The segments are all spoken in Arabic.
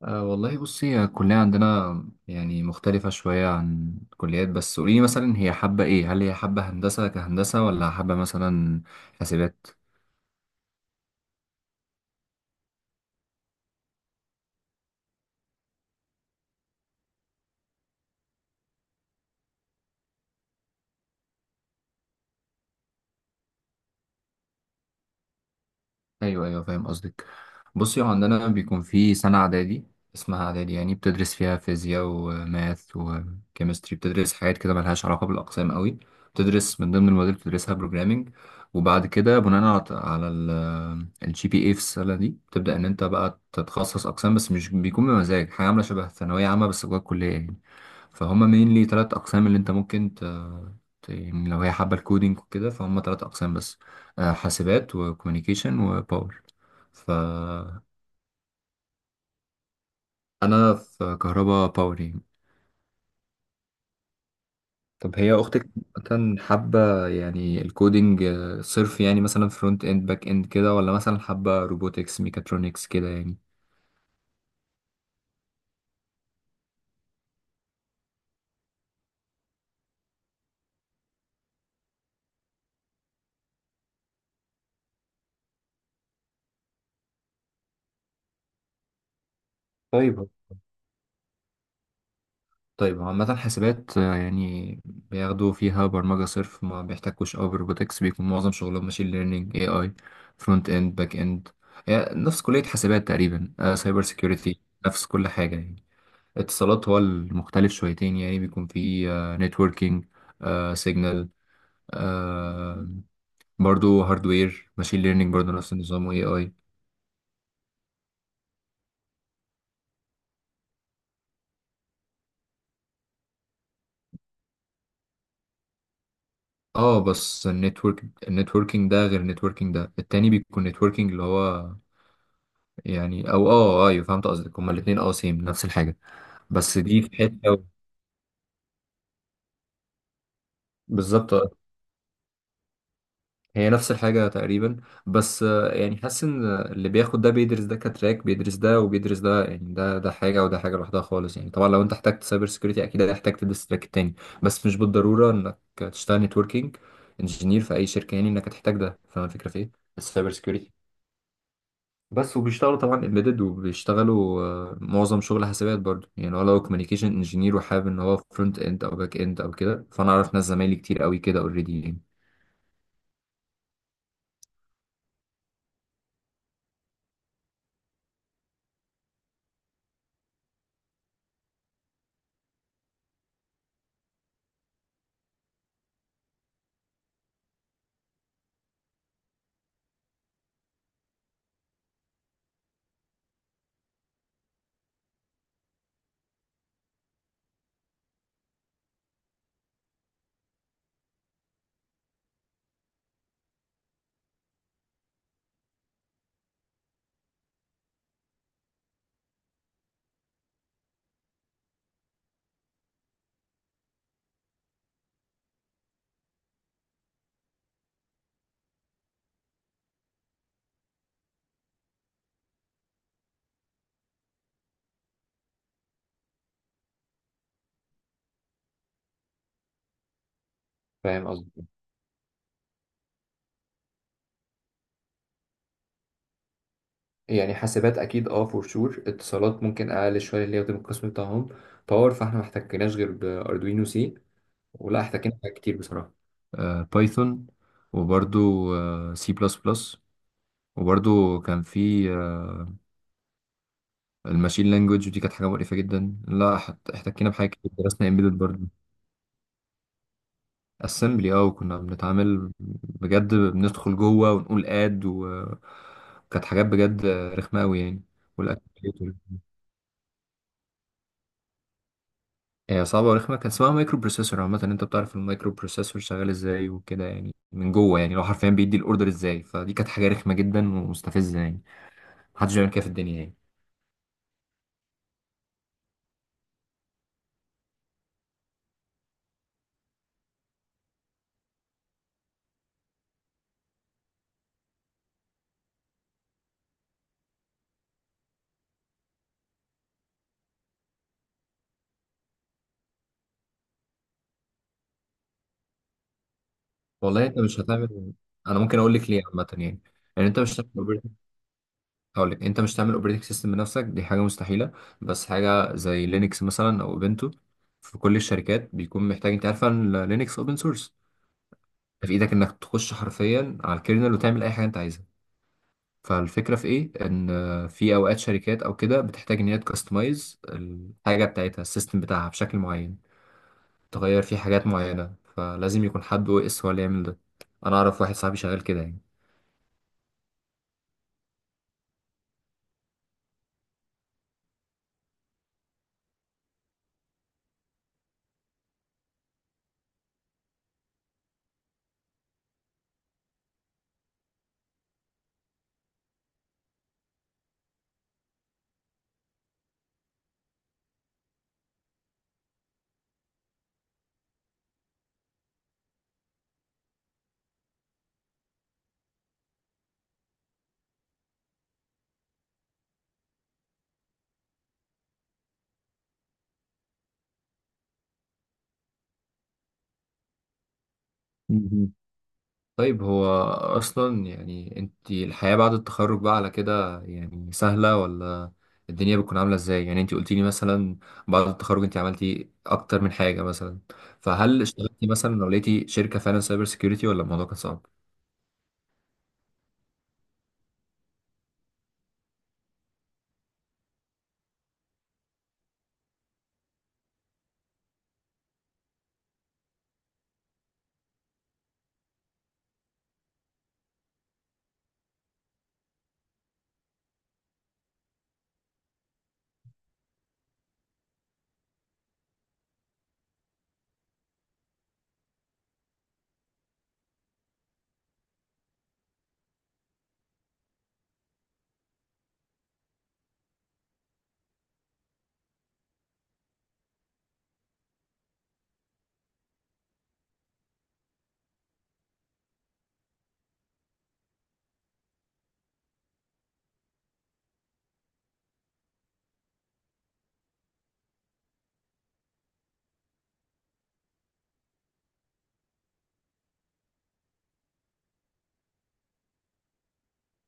أه والله بصي هي الكلية عندنا يعني مختلفة شوية عن الكليات، بس قوليلي مثلا هي حابة ايه؟ هل هي حابة هندسة كهندسة ولا حابة مثلا حاسبات؟ ايوه، ايوه، فاهم قصدك. بصي هو عندنا بيكون في سنه اعدادي، اسمها اعدادي، يعني بتدرس فيها فيزياء وماث وكيمستري، بتدرس حاجات كده ملهاش علاقه بالاقسام قوي. بتدرس من ضمن المواد اللي بتدرسها بروجرامنج، وبعد كده بناء على الجي بي اي في السنه دي بتبدا ان انت بقى تتخصص اقسام، بس مش بيكون بمزاج، حاجه عامله شبه ثانويه عامه بس جوه الكليه يعني. فهم mainly تلات أقسام اللي أنت ممكن يعني لو هي حابة الكودينج وكده فهم تلات أقسام بس، حاسبات وكوميونيكيشن وباور. فأنا في كهربا باور يعني. طب هي أختك مثلا حابة يعني الكودينج صرف، يعني مثلا فرونت إند باك إند كده، ولا مثلا حابة روبوتكس ميكاترونكس كده يعني؟ طيب. طيب هو عامة حاسبات يعني بياخدوا فيها برمجة صرف، ما بيحتكوش أوي بروبوتكس، بيكون معظم شغلهم ماشين ليرنينج، اي اي، فرونت اند باك اند، يعني نفس كلية حاسبات تقريبا، سايبر سيكيورتي، نفس كل حاجة يعني. اتصالات هو المختلف شويتين، يعني بيكون فيه نتوركينج، سيجنال، آه، برضو هاردوير، ماشين ليرنينج برضو، نفس النظام واي اي. اه بس النتورك النتوركينج ده غير النتوركينج ده التاني، بيكون نتوركينج اللي هو يعني، او اه ايوه فهمت قصدك، هما الاثنين اه سيم، نفس الحاجه. بس دي في حته و- بالظبط آه. هي نفس الحاجه تقريبا، بس يعني حاسس ان اللي بياخد ده بيدرس ده كتراك، بيدرس ده وبيدرس ده، يعني ده حاجه وده حاجه لوحدها خالص يعني. طبعا لو انت احتجت سايبر سكيورتي اكيد هتحتاج تدرس التراك التاني، بس مش بالضروره انك تشتغل نتوركينج انجينير في اي شركه، يعني انك هتحتاج ده، فاهم الفكره في ايه. السايبر سكيورتي بس. وبيشتغلوا طبعا امبيدد، وبيشتغلوا معظم شغل حسابات برضو، يعني هو لو كوميونيكيشن انجينير وحابب ان هو فرونت اند او باك اند او كده، فانا اعرف ناس زمايلي كتير قوي كده اوريدي يعني. فاهم قصدي؟ يعني حاسبات اكيد اه فور شور، اتصالات ممكن اقل شويه اللي هي بتبقى القسم بتاعهم. باور فاحنا ما احتكناش غير باردوينو سي، ولا احتكينا بحاجات كتير بصراحه. بايثون، وبرضو سي بلس بلس، وبرضو كان في الماشين لانجوج، دي كانت حاجه مقرفه جدا. لا احتكينا بحاجه كتير، درسنا امبيدد برضه. اسمبلي اه، وكنا بنتعامل بجد، بندخل جوه ونقول اد و- وكانت حاجات بجد رخمه قوي يعني. والاكتيفيتور هي صعبه ورخمه، كان اسمها مايكرو بروسيسور، عامه انت بتعرف المايكرو بروسيسور شغال ازاي وكده، يعني من جوه، يعني لو حرفيا بيدي الاوردر ازاي، فدي كانت حاجه رخمه جدا ومستفزه يعني. محدش بيعمل كده في الدنيا يعني. والله انت مش هتعمل. انا ممكن اقول لك ليه عامه يعني. يعني انت مش هتعمل، هقول لك انت مش تعمل اوبريتنج سيستم بنفسك، دي حاجه مستحيله. بس حاجه زي لينكس مثلا او اوبنتو، في كل الشركات بيكون محتاج، انت عارفه ان لينكس اوبن سورس، في ايدك انك تخش حرفيا على الكيرنل وتعمل اي حاجه انت عايزها. فالفكره في ايه، ان في اوقات شركات او كده بتحتاج ان هي تكستمايز الحاجه بتاعتها، السيستم بتاعها بشكل معين، تغير فيه حاجات معينه، فلازم يكون حد او اس هو اللي يعمل ده. انا اعرف واحد صاحبي شغال كده يعني. طيب هو أصلا يعني أنت الحياة بعد التخرج بقى على كده يعني سهلة، ولا الدنيا بتكون عاملة إزاي؟ يعني أنت قلتيلي مثلا بعد التخرج أنت عملتي أكتر من حاجة مثلا، فهل اشتغلتي مثلا لو لقيتي شركة فعلا سايبر سيكيورتي، ولا الموضوع كان صعب؟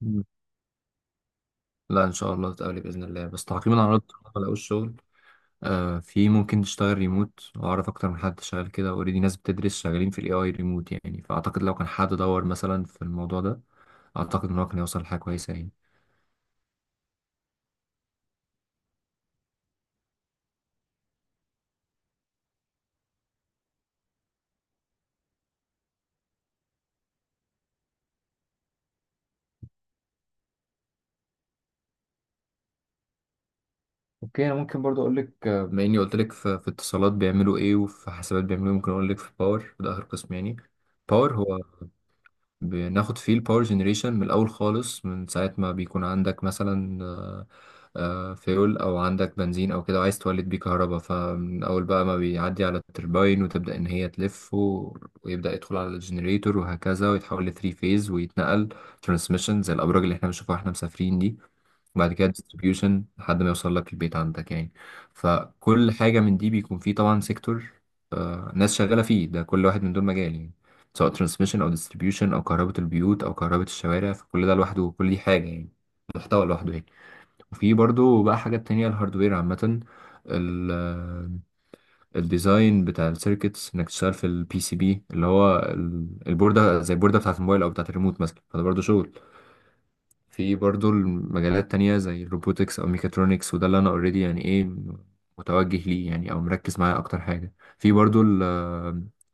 مم. لا إن شاء الله تقابلي بإذن الله. بس تعقيبا على رد ما لقوش شغل، آه في ممكن تشتغل ريموت، وأعرف أكتر من حد شغال كده أوريدي، ناس بتدرس شغالين في ال AI ريموت يعني، فأعتقد لو كان حد دور مثلا في الموضوع ده أعتقد إن هو كان يوصل لحاجة كويسة يعني. اوكي انا ممكن برضو اقول لك، بما اني قلت لك في اتصالات بيعملوا ايه وفي حسابات بيعملوا ايه، ممكن اقول لك في باور، ده اخر قسم يعني. باور هو بناخد فيه الباور جنريشن من الاول خالص، من ساعه ما بيكون عندك مثلا فيول او عندك بنزين او كده وعايز تولد بيه كهرباء، فمن اول بقى ما بيعدي على الترباين وتبدا ان هي تلف و- ويبدا يدخل على الجنريتور وهكذا، ويتحول لثري فيز، ويتنقل ترانسميشن زي الابراج اللي احنا بنشوفها واحنا مسافرين دي، وبعد كده ديستريبيوشن لحد ما يوصل لك البيت عندك يعني. فكل حاجة من دي بيكون فيه طبعا سيكتور، آه ناس شغالة فيه، ده كل واحد من دول مجال يعني، سواء ترانسميشن أو ديستريبيوشن أو كهرباء البيوت أو كهرباء الشوارع، فكل ده لوحده، كل دي حاجة يعني، محتوى لوحده يعني. وفي برضو بقى حاجات تانية، الهاردوير عامة، الديزاين بتاع السيركتس، انك تشتغل في البي سي بي اللي هو البوردة، زي البوردة بتاعة الموبايل او بتاعة الريموت مثلا، فده برضو شغل. في برضو المجالات تانية زي الروبوتكس أو ميكاترونكس، وده اللي أنا أوريدي يعني إيه متوجه ليه يعني أو مركز معاه أكتر حاجة. في برضو ال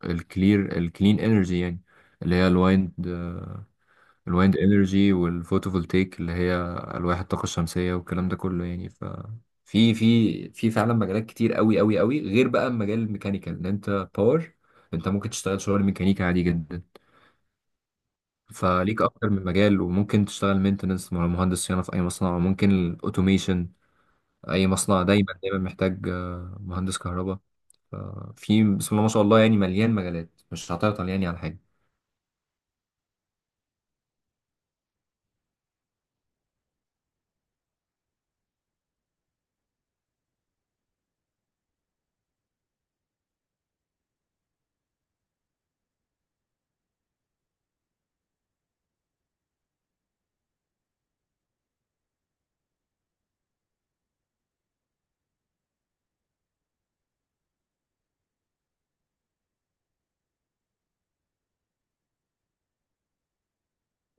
الكلير الكلين انرجي يعني، اللي هي الوايند انرجي والفوتوفولتيك اللي هي ألواح الطاقة الشمسية والكلام ده كله يعني. ف في فعلا مجالات كتير قوي غير بقى مجال الميكانيكال، ان انت باور انت ممكن تشتغل شغل ميكانيكا عادي جدا. فليك اكتر من مجال، وممكن تشتغل مينتنس مهندس صيانه في اي مصنع، وممكن الاوتوميشن. اي مصنع دايما محتاج مهندس كهرباء. ففي بسم الله ما شاء الله يعني مليان مجالات، مش هتعطل يعني على حاجه.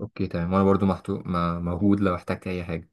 اوكي تمام، وانا برضو موجود لو احتجت اي حاجه.